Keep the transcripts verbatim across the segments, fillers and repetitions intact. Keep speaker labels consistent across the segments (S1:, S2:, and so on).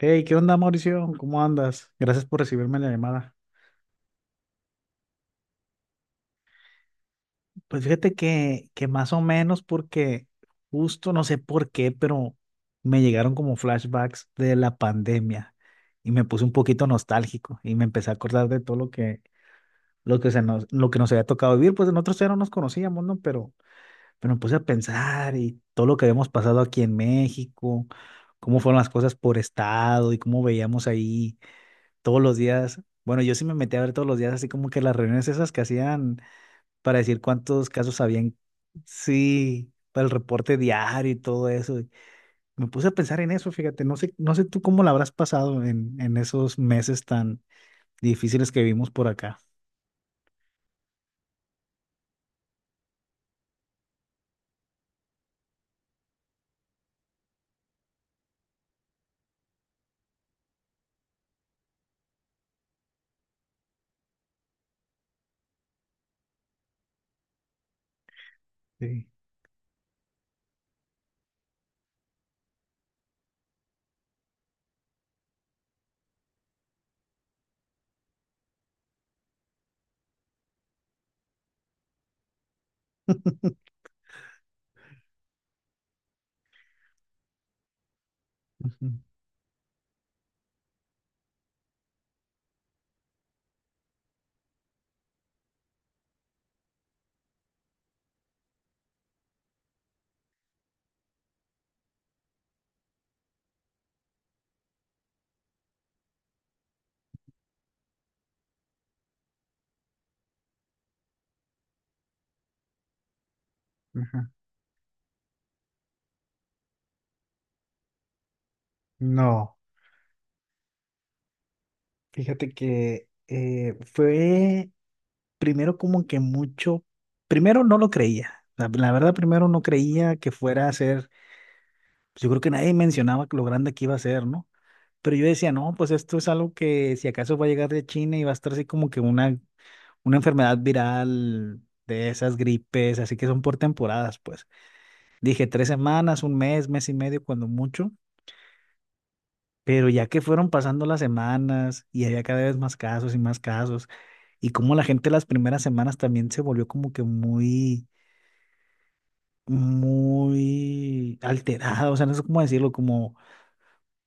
S1: Hey, ¿qué onda, Mauricio? ¿Cómo andas? Gracias por recibirme la llamada. Pues fíjate que, que más o menos porque justo no sé por qué, pero me llegaron como flashbacks de la pandemia y me puse un poquito nostálgico y me empecé a acordar de todo lo que, lo que se nos, lo que nos había tocado vivir. Pues nosotros ya no nos conocíamos, ¿no? Pero, pero me puse a pensar y todo lo que habíamos pasado aquí en México, cómo fueron las cosas por estado y cómo veíamos ahí todos los días. Bueno, yo sí me metí a ver todos los días, así como que las reuniones esas que hacían para decir cuántos casos habían, sí, para el reporte diario y todo eso. Y me puse a pensar en eso, fíjate, no sé, no sé tú cómo la habrás pasado en, en esos meses tan difíciles que vivimos por acá. Sí. Ujú, ajá. No, fíjate que eh, fue primero como que mucho, primero no lo creía. La, la verdad, primero no creía que fuera a ser pues yo creo que nadie mencionaba lo grande que iba a ser, ¿no? Pero yo decía, no, pues esto es algo que si acaso va a llegar de China y va a estar así como que una, una enfermedad viral de esas gripes, así que son por temporadas, pues. Dije tres semanas, un mes, mes y medio, cuando mucho. Pero ya que fueron pasando las semanas y había cada vez más casos y más casos, y como la gente las primeras semanas también se volvió como que muy, muy alterada, o sea, no sé cómo decirlo, como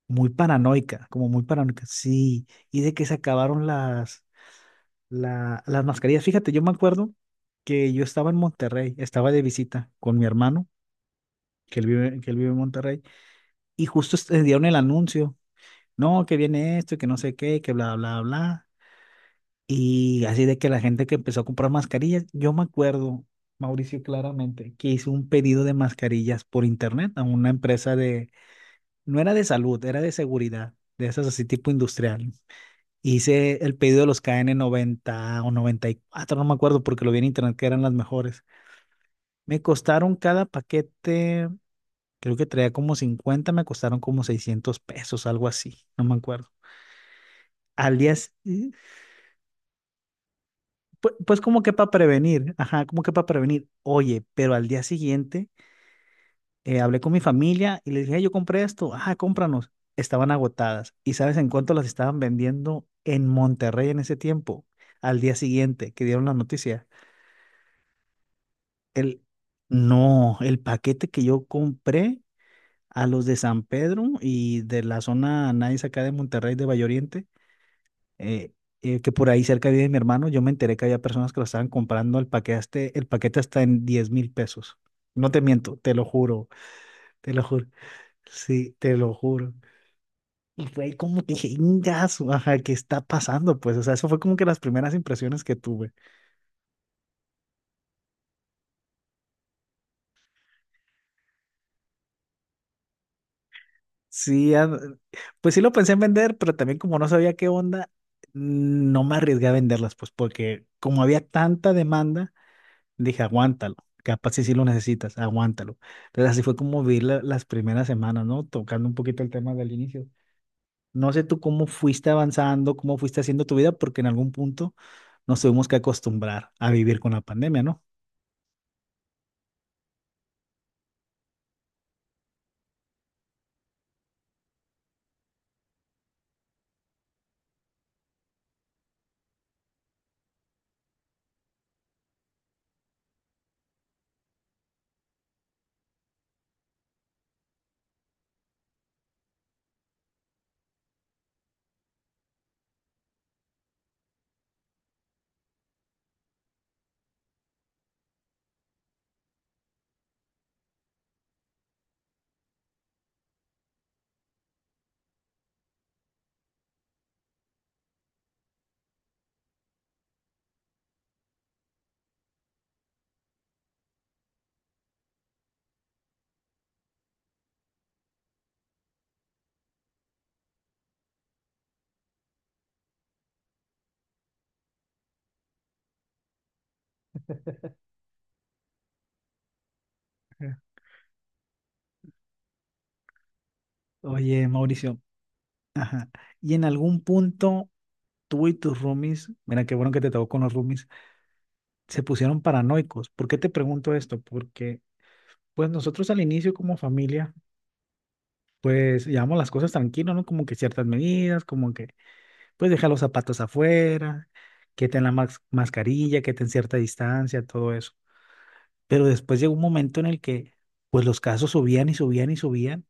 S1: muy paranoica, como muy paranoica, sí, y de que se acabaron las, la- las mascarillas. Fíjate, yo me acuerdo que yo estaba en Monterrey, estaba de visita con mi hermano, que él vive, que él vive en Monterrey, y justo est- eh, dieron el anuncio, no, que viene esto, y que no sé qué, que bla, bla, bla, y así de que la gente que empezó a comprar mascarillas, yo me acuerdo, Mauricio, claramente, que hice un pedido de mascarillas por internet a una empresa de, no era de salud, era de seguridad, de esas así tipo industrial. Hice el pedido de los K N noventa o noventa y cuatro, no me acuerdo porque lo vi en internet que eran las mejores. Me costaron cada paquete, creo que traía como cincuenta, me costaron como seiscientos pesos, algo así, no me acuerdo. Al día, s- y, pu- pues, como que para prevenir, ajá, como que para prevenir. Oye, pero al día siguiente eh, hablé con mi familia y les dije, "Hey, yo compré esto, ajá, cómpranos." Estaban agotadas. ¿Y sabes en cuánto las estaban vendiendo en Monterrey en ese tiempo? Al día siguiente que dieron la noticia. El, no, el paquete que yo compré a los de San Pedro y de la zona nice acá de Monterrey, de Valle Oriente, eh, eh, que por ahí cerca vive mi hermano, yo me enteré que había personas que lo estaban comprando el paquete, hasta- el paquete hasta en diez mil pesos. No te miento, te lo juro, te lo juro. Sí, te lo juro. Y fue ahí como que, dije, "Ingazo, ajá, ¿qué está pasando?" Pues, o sea, eso fue como que las primeras impresiones que tuve. Sí, an- pues sí lo pensé en vender, pero también como no sabía qué onda, no me arriesgué a venderlas, pues porque como había tanta demanda, dije, aguántalo, capaz si sí lo necesitas, aguántalo. Entonces así fue como vi la- las primeras semanas, ¿no? Tocando un poquito el tema del inicio. No sé tú cómo fuiste avanzando, cómo fuiste haciendo tu vida, porque en algún punto nos tuvimos que acostumbrar a vivir con la pandemia, ¿no? Ujú. Oye, Mauricio, y en algún punto tú y tus roomies, mira qué bueno que te tocó con los roomies, se pusieron paranoicos. ¿Por qué te pregunto esto? Porque pues nosotros al inicio como familia, pues llevamos las cosas tranquilos, ¿no? Como que ciertas medidas, como que pues deja los zapatos afuera, que ten la mas- mascarilla, que ten cierta distancia, todo eso. Pero después llegó un momento en el que pues los casos subían y subían y subían,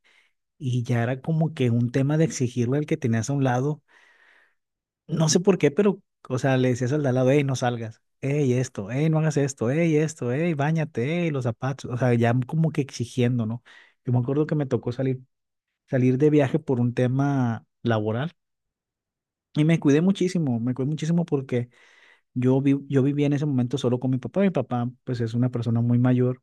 S1: y ya era como que un tema de exigirle al que tenías a un lado. No sé por qué, pero, o sea, le decías al de al lado, hey, no salgas, hey, esto, hey, no hagas esto, hey, esto, hey, báñate, hey, los zapatos, o sea, ya como que exigiendo, ¿no? Yo me acuerdo que me tocó salir, salir de viaje por un tema laboral y me cuidé muchísimo, me cuidé muchísimo porque yo, vi, yo vivía en ese momento solo con mi papá, mi papá, pues, es una persona muy mayor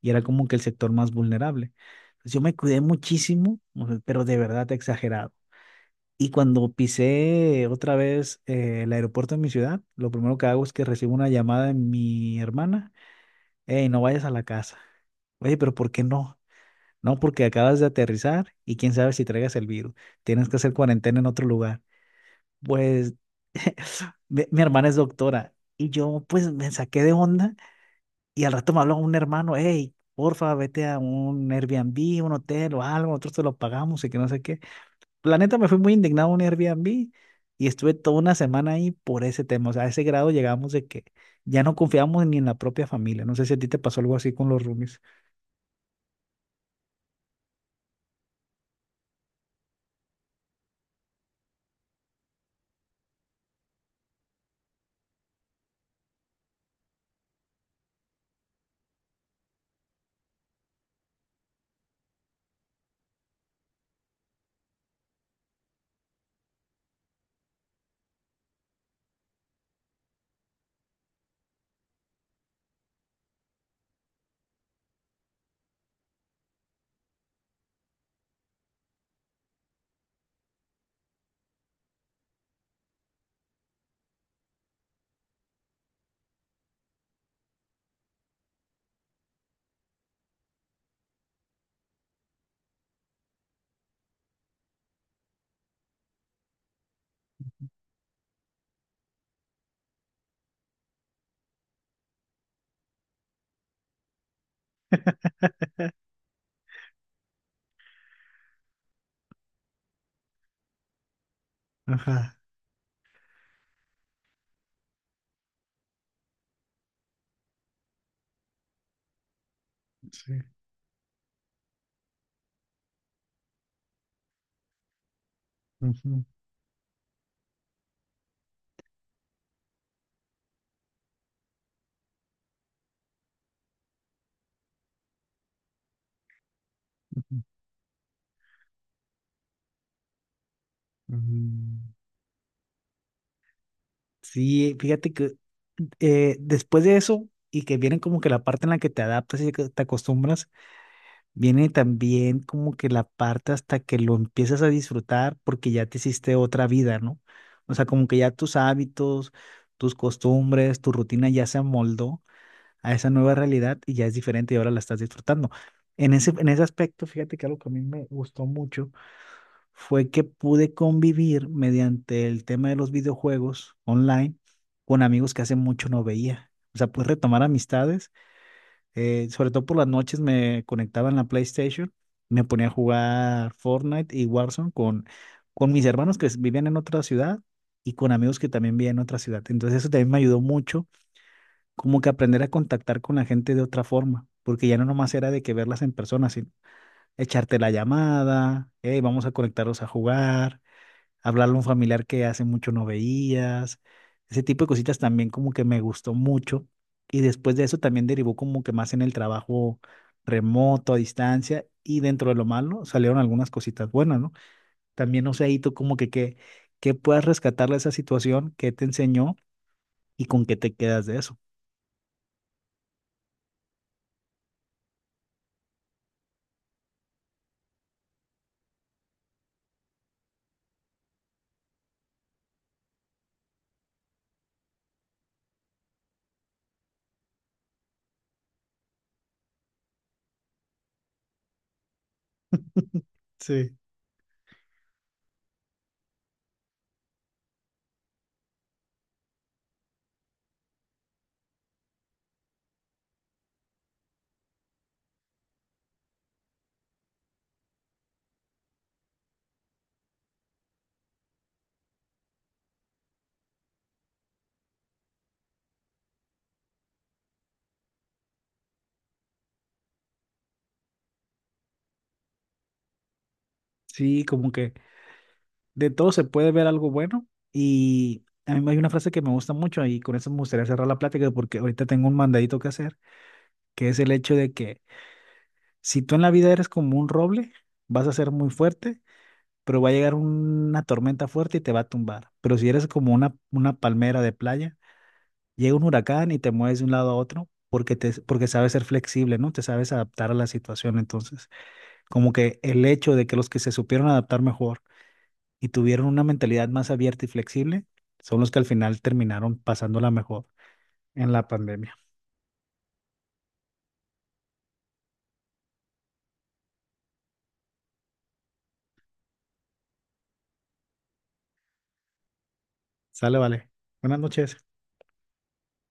S1: y era como que el sector más vulnerable. Entonces, yo me cuidé muchísimo, o sea, pero de verdad exagerado. Y cuando pisé otra vez eh, el aeropuerto de mi ciudad, lo primero que hago es que recibo una llamada de mi hermana, hey, no vayas a la casa. Oye, pero ¿por qué no? No, porque acabas de aterrizar y quién sabe si traigas el virus. Tienes que hacer cuarentena en otro lugar. Pues mi, mi hermana es doctora y yo pues me saqué de onda y al rato me habló un hermano, hey, porfa, vete a un Airbnb, un hotel o algo, nosotros te lo pagamos y que no sé qué. La neta me fui muy indignado a un Airbnb y estuve toda una semana ahí por ese tema. O sea, a ese grado llegamos de que ya no confiamos ni en la propia familia. No sé si a ti te pasó algo así con los roomies. Ajá, sí. Ujú, ujú, ujú. Sí, fíjate que eh, después de eso y que viene como que la parte en la que te adaptas y que te acostumbras. Viene también como que la parte hasta que lo empiezas a disfrutar porque ya te hiciste otra vida, ¿no? O sea, como que ya tus hábitos, tus costumbres, tu rutina ya se amoldó a esa nueva realidad y ya es diferente y ahora la estás disfrutando. En ese, en ese aspecto, fíjate que algo que a mí me gustó mucho fue que pude convivir mediante el tema de los videojuegos online con amigos que hace mucho no veía. O sea, pude retomar amistades. Eh, sobre todo por las noches me conectaba en la PlayStation, me ponía a jugar Fortnite y Warzone con, con mis hermanos que vivían en otra ciudad y con amigos que también vivían en otra ciudad. Entonces eso también me ayudó mucho, como que aprender a contactar con la gente de otra forma, porque ya no nomás era de que verlas en persona, sino echarte la llamada, hey, vamos a conectarnos a jugar, hablarle a un familiar que hace mucho no veías, ese tipo de cositas también como que me gustó mucho, y después de eso también derivó como que más en el trabajo remoto, a distancia, y dentro de lo malo salieron algunas cositas buenas, ¿no? También no sé ahí tú como que qué, qué puedas rescatar de esa situación, qué te enseñó y con qué te quedas de eso. Sí. Sí, como que de todo se puede ver algo bueno, y a mí hay una frase que me gusta mucho y con eso me gustaría cerrar la plática porque ahorita tengo un mandadito que hacer, que es el hecho de que si tú en la vida eres como un roble, vas a ser muy fuerte, pero va a llegar una tormenta fuerte y te va a tumbar. Pero si eres como una, una, palmera de playa, llega un huracán y te mueves de un lado a otro porque te, porque sabes ser flexible, ¿no? Te sabes adaptar a la situación. Entonces, como que el hecho de que los que se supieron adaptar mejor y tuvieron una mentalidad más abierta y flexible, son los que al final terminaron pasándola mejor en la pandemia. Sale, vale. Buenas noches.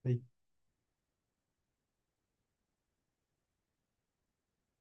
S1: Bye.